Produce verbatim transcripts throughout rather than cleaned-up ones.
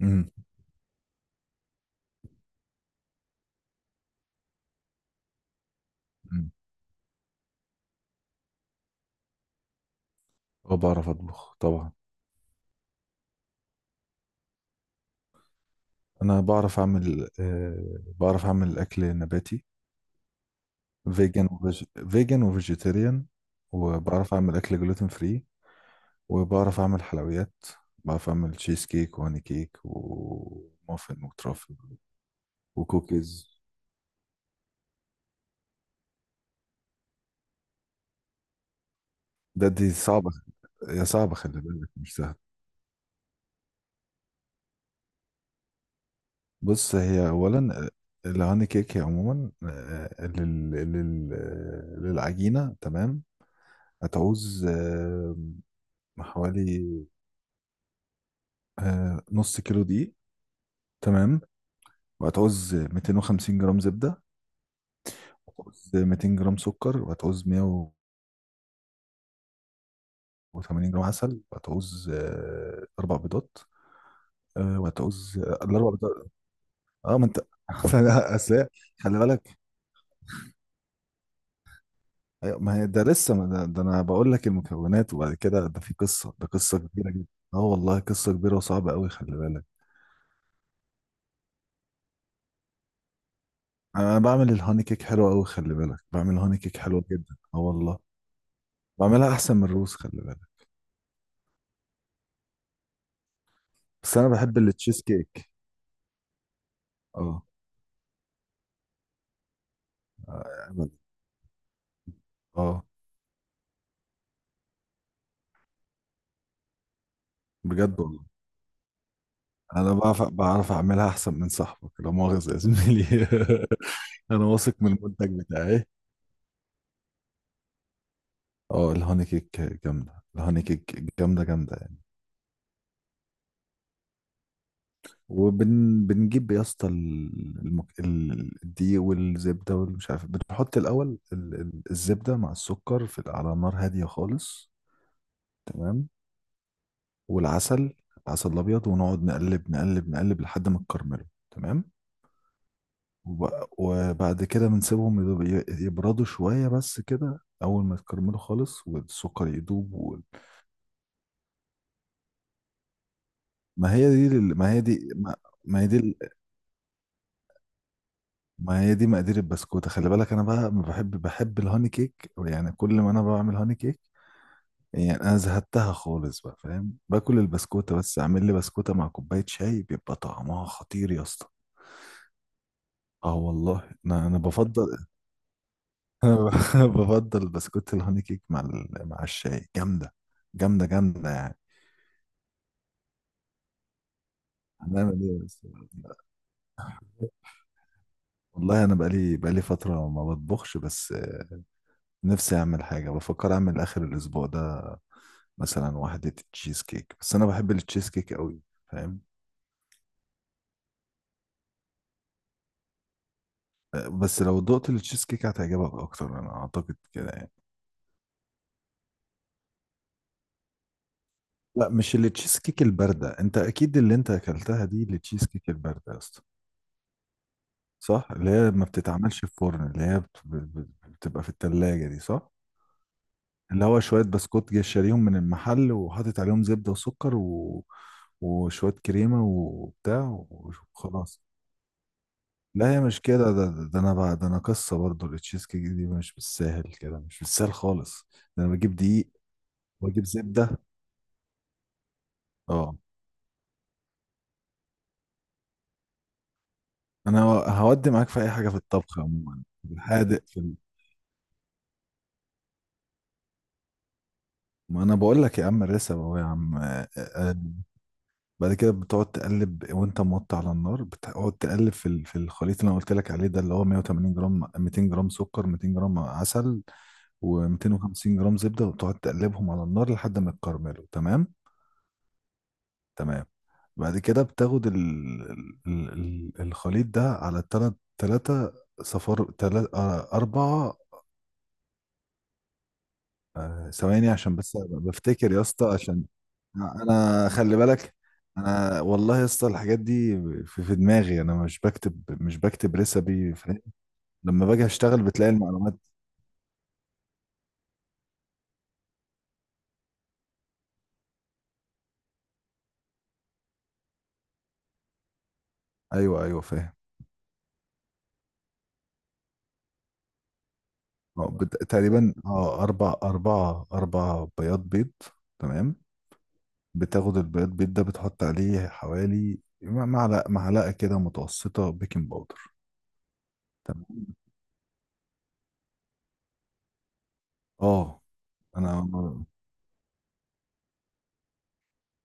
امم أمم. اه بعرف اطبخ طبعا. انا بعرف اعمل آه بعرف اعمل اكل نباتي. فيجن وفيج... فيجن وفيجيتيريان. وبعرف اعمل اكل جلوتين فري. وبعرف اعمل حلويات. بعرف اعمل تشيز كيك وهاني كيك ومافن وترافل وكوكيز. ده دي صعبة. يا صعبة خلي بالك مش سهل. بص هي اولا آه، الهاني كيك هي عموما آه، لل... لل... آه، للعجينة. تمام. هتعوز آه، حوالي آه نص كيلو دقيق. تمام. وهتعوز مئتين وخمسين جرام زبدة. وهتعوز مئتين جرام سكر. وهتعوز مئة وتمانين جرام عسل. وهتعوز آه أربع بيضات. آه وهتعوز آه الأربع بيضات. اه ما أنت. أصل هي- خلي بالك. أيوة، ما هي ده لسه ما ده, ده، أنا بقول لك المكونات. وبعد كده ده في قصة. ده قصة كبيرة جدا. اه والله قصة كبيرة وصعبة أوي خلي بالك. أنا بعمل الهاني كيك حلو أوي خلي بالك. بعمل هاني كيك حلوة جدا اه والله. بعملها أحسن من الروز خلي بالك. بس أنا بحب التشيز كيك. اه أعمل- اه بجد والله. انا بعرف بعرف اعملها احسن من صاحبك، لا مؤاخذة يا زميلي. انا واثق من المنتج بتاعي. اه الهوني كيك جامدة. الهوني كيك جامدة جامدة يعني. وبنجيب يا اسطى ال- المك... ال- الدقيق والزبدة والمش عارف. بنحط الأول ال... ال- الزبدة مع السكر في على نار هادية خالص. تمام. والعسل. العسل الأبيض. ونقعد نقلب نقلب نقلب لحد ما تكرمله. تمام. وب- وبعد كده بنسيبهم يدوب- ي- يبردوا شوية. بس كده أول ما يتكرملوا خالص والسكر يدوب وال... ما هي دي لل... ما هي دي ما... ما هي دي ال- ما هي دي مقادير البسكوتة. خلي بالك أنا بقى ما بحب بحب الهوني كيك يعني. كل ما أنا بعمل هوني كيك يعني أنا زهدتها خالص بقى فاهم. باكل البسكوتة بس. أعمل لي بسكوتة مع كوباية شاي بيبقى طعمها خطير يا اسطى. اه والله انا انا بفضل. انا بفضل بسكوت الهوني كيك مع ال... مع الشاي جامده. جامده جامده يعني. هنعمل ايه بس. والله انا بقالي بقالي فتره ما بطبخش بس آه، نفسي اعمل حاجه. بفكر اعمل اخر الاسبوع ده مثلا واحده تشيز كيك بس انا بحب التشيز كيك قوي فاهم. آه، بس لو دقت التشيز كيك هتعجبك اكتر انا اعتقد كده يعني. لا مش التشيز كيك البارده. انت اكيد اللي انت اكلتها دي التشيز كيك البارده يا اسطى. صح اللي هي ما بتتعملش في فرن. اللي هي بت- بت- بتبقى في التلاجة دي صح. اللي هو شوية بسكوت جاي شاريهم من المحل وحاطط عليهم زبدة وسكر وشوية كريمة وبتاع وخلاص. لا هي مش كده. ده, ده, ده انا بقى، ده انا قصة برضو التشيز كيك دي مش بالساهل كده، مش بالساهل خالص. ده انا بجيب دقيق واجيب زبدة. اه انا هودي معاك في اي حاجة في الطبخ عموما في الحادق في ال- ما انا بقول لك يا عم الرسم اهو يا عم آه، آه، آه. بعد كده بتقعد تقلب وانت موطي على النار. بتقعد تقلب في ال- في الخليط اللي انا قلت لك عليه ده اللي هو مئة وتمانين جرام مئتين جرام سكر مئتين جرام عسل و250 جرام زبدة. وتقعد تقلبهم على النار لحد ما يتكرملوا. تمام. تمام. بعد كده بتاخد ال... ال... ال- الخليط ده على تلات تلاتة. صفار تلات آه، أربعة. آه، ثواني عشان بس أبقى بفتكر يا اسطى عشان أنا خلي بالك. أنا والله يا اسطى الحاجات دي في, في دماغي. أنا مش بكتب مش بكتب ريسبي فاهم. لما باجي أشتغل بتلاقي المعلومات. أيوه أيوه فاهم. اه بت... تقريبا اه أربع أربعة أربع بياض بيض. تمام. بتاخد البياض بيض ده بتحط عليه حوالي معلقة معلقة كده متوسطة بيكنج باودر. تمام. اه أنا،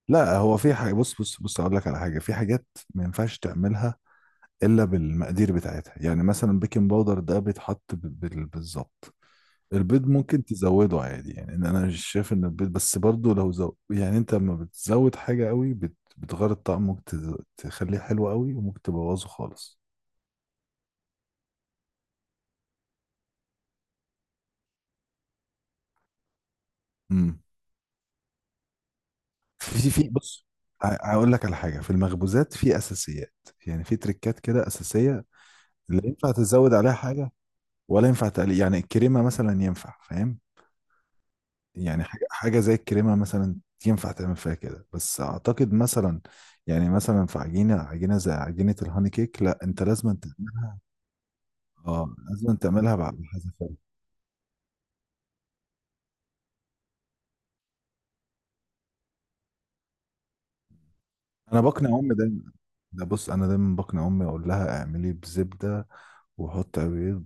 لا هو في حاجة. بص بص بص أقول لك على حاجة. في حاجات ما ينفعش تعملها إلا بالمقادير بتاعتها. يعني مثلا بيكنج باودر ده بيتحط ب- بال- بالظبط. البيض ممكن تزوده عادي يعني ان انا مش شايف ان البيض، بس برضو لو زو يعني انت لما بتزود حاجة قوي بت... بتغير الطعم. ممكن تز... تخليه حلو قوي وممكن تبوظه خالص. امم في في بص ه- هقول لك على حاجة في المخبوزات في اساسيات. يعني في تريكات كده اساسية. لا ينفع تزود عليها حاجة ولا ينفع تقلل يعني الكريمة مثلا ينفع فاهم. يعني حاجة حاجة زي الكريمة مثلا ينفع تعمل فيها كده بس أعتقد مثلا يعني مثلا في عجينة عجينة زي عجينة الهاني كيك لا أنت لازم تعملها. اه لازم تعملها بعد الحذافير. أنا بقنع أمي دايما. ده بص أنا دايما بقنع أمي أقول لها اعملي بزبدة وحط بيض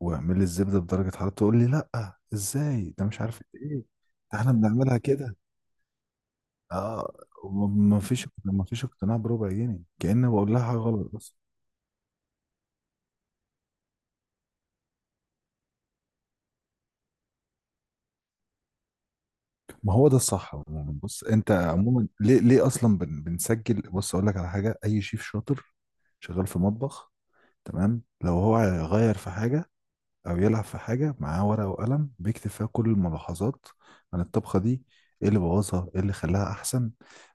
واعملي الزبدة بدرجة حرارة. تقول لي لا، إزاي ده مش عارف إيه. ده إحنا بنعملها كده. اه. وما- ما فيش ما فيش اقتناع بربع جنيه كأني بقول لها حاجة غلط بس. ما هو ده الصح عموما. بص انت عموما ليه ليه اصلا بن بنسجل. بص اقول لك على حاجه. اي شيف شاطر شغال في مطبخ تمام لو هو يغير في حاجه او يلعب في حاجه معاه ورقه وقلم بيكتب فيها كل الملاحظات عن الطبخه دي. ايه اللي بوظها ايه اللي خلاها احسن.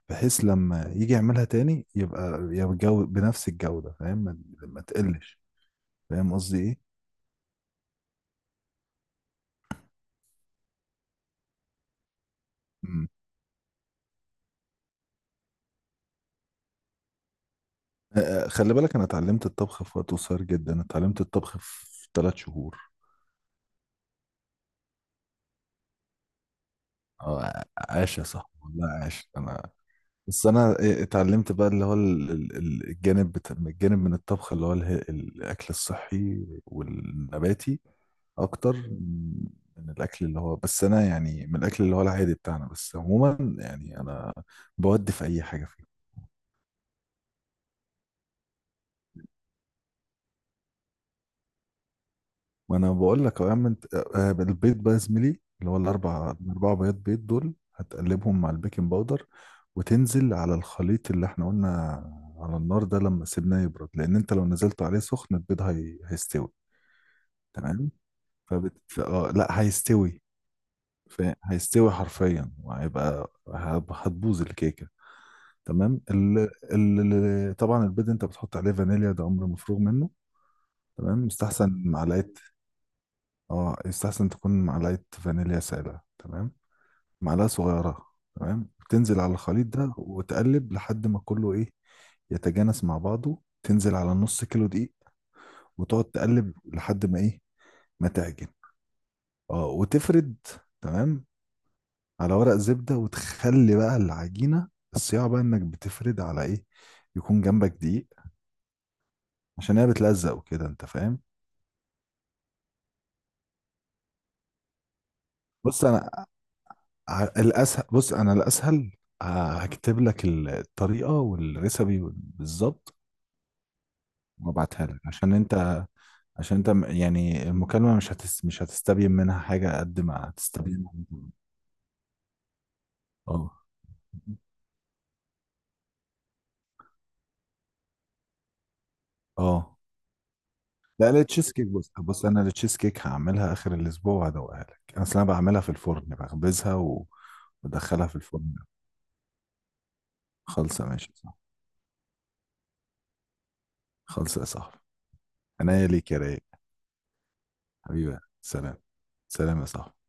بحيث لما يجي يعملها تاني يبقى يبقى الجو- بنفس الجوده فاهم. ما ما تقلش. فاهم قصدي ايه. مم. آه، خلي بالك انا اتعلمت الطبخ في وقت قصير جدا. اتعلمت الطبخ في ثلاث شهور. اه عاش يا صاحبي والله عاش انا. بس انا إيه اتعلمت بقى اللي هو ال- ال- ال- الجانب بتا... الجانب من الطبخ اللي هو اله- الاكل الصحي والنباتي اكتر من من الاكل اللي هو، بس انا يعني من الاكل اللي هو العادي بتاعنا. بس عموما يعني انا بودي في اي حاجه فيه. ما انا بقول لك اهو يا عم انت آه، البيض بقى يا زميلي اللي هو الاربع الاربع بيض بيض دول هتقلبهم مع البيكنج باودر. وتنزل على الخليط اللي احنا قلنا على النار ده لما سيبناه يبرد، لان انت لو نزلت عليه سخن البيض هي... هيستوي. تمام. فبت... ف... آه، لا هيستوي. ف... هيستوي حرفيا وهيبقى هب- هتبوظ الكيكه. تمام. ال... ال... ال- طبعا البيض انت بتحط عليه فانيليا ده امر مفروغ منه. تمام مستحسن معلقه. اه يستحسن تكون معلقة فانيليا سائلة. تمام معلقة صغيرة. تمام تنزل على الخليط ده وتقلب لحد ما كله ايه يتجانس مع بعضه. تنزل على نص كيلو دقيق وتقعد تقلب لحد ما ايه ما تعجن. اه وتفرد. تمام على ورق زبدة وتخلي بقى العجينة. الصياعة بقى انك بتفرد على ايه، يكون جنبك دقيق عشان هي بتلزق وكده انت فاهم. بص انا ع- الاسهل. بص انا الاسهل ه- هكتب لك ال- الطريقه والريسبي وال- بالظبط وابعتها لك عشان انت عشان انت م- يعني المكالمه مش هتس مش هتستبين منها حاجه قد ما هتستبين. اه اه. لا لا تشيز كيك بص بص. انا التشيز كيك هعملها اخر الاسبوع وهدوقها لك انا اصل انا بعملها في الفرن بخبزها و- وادخلها في الفرن. خالصه ماشي صح. خالصه يا صاحبي. عناية ليك يا رايق حبيبي. سلام سلام يا صاحبي.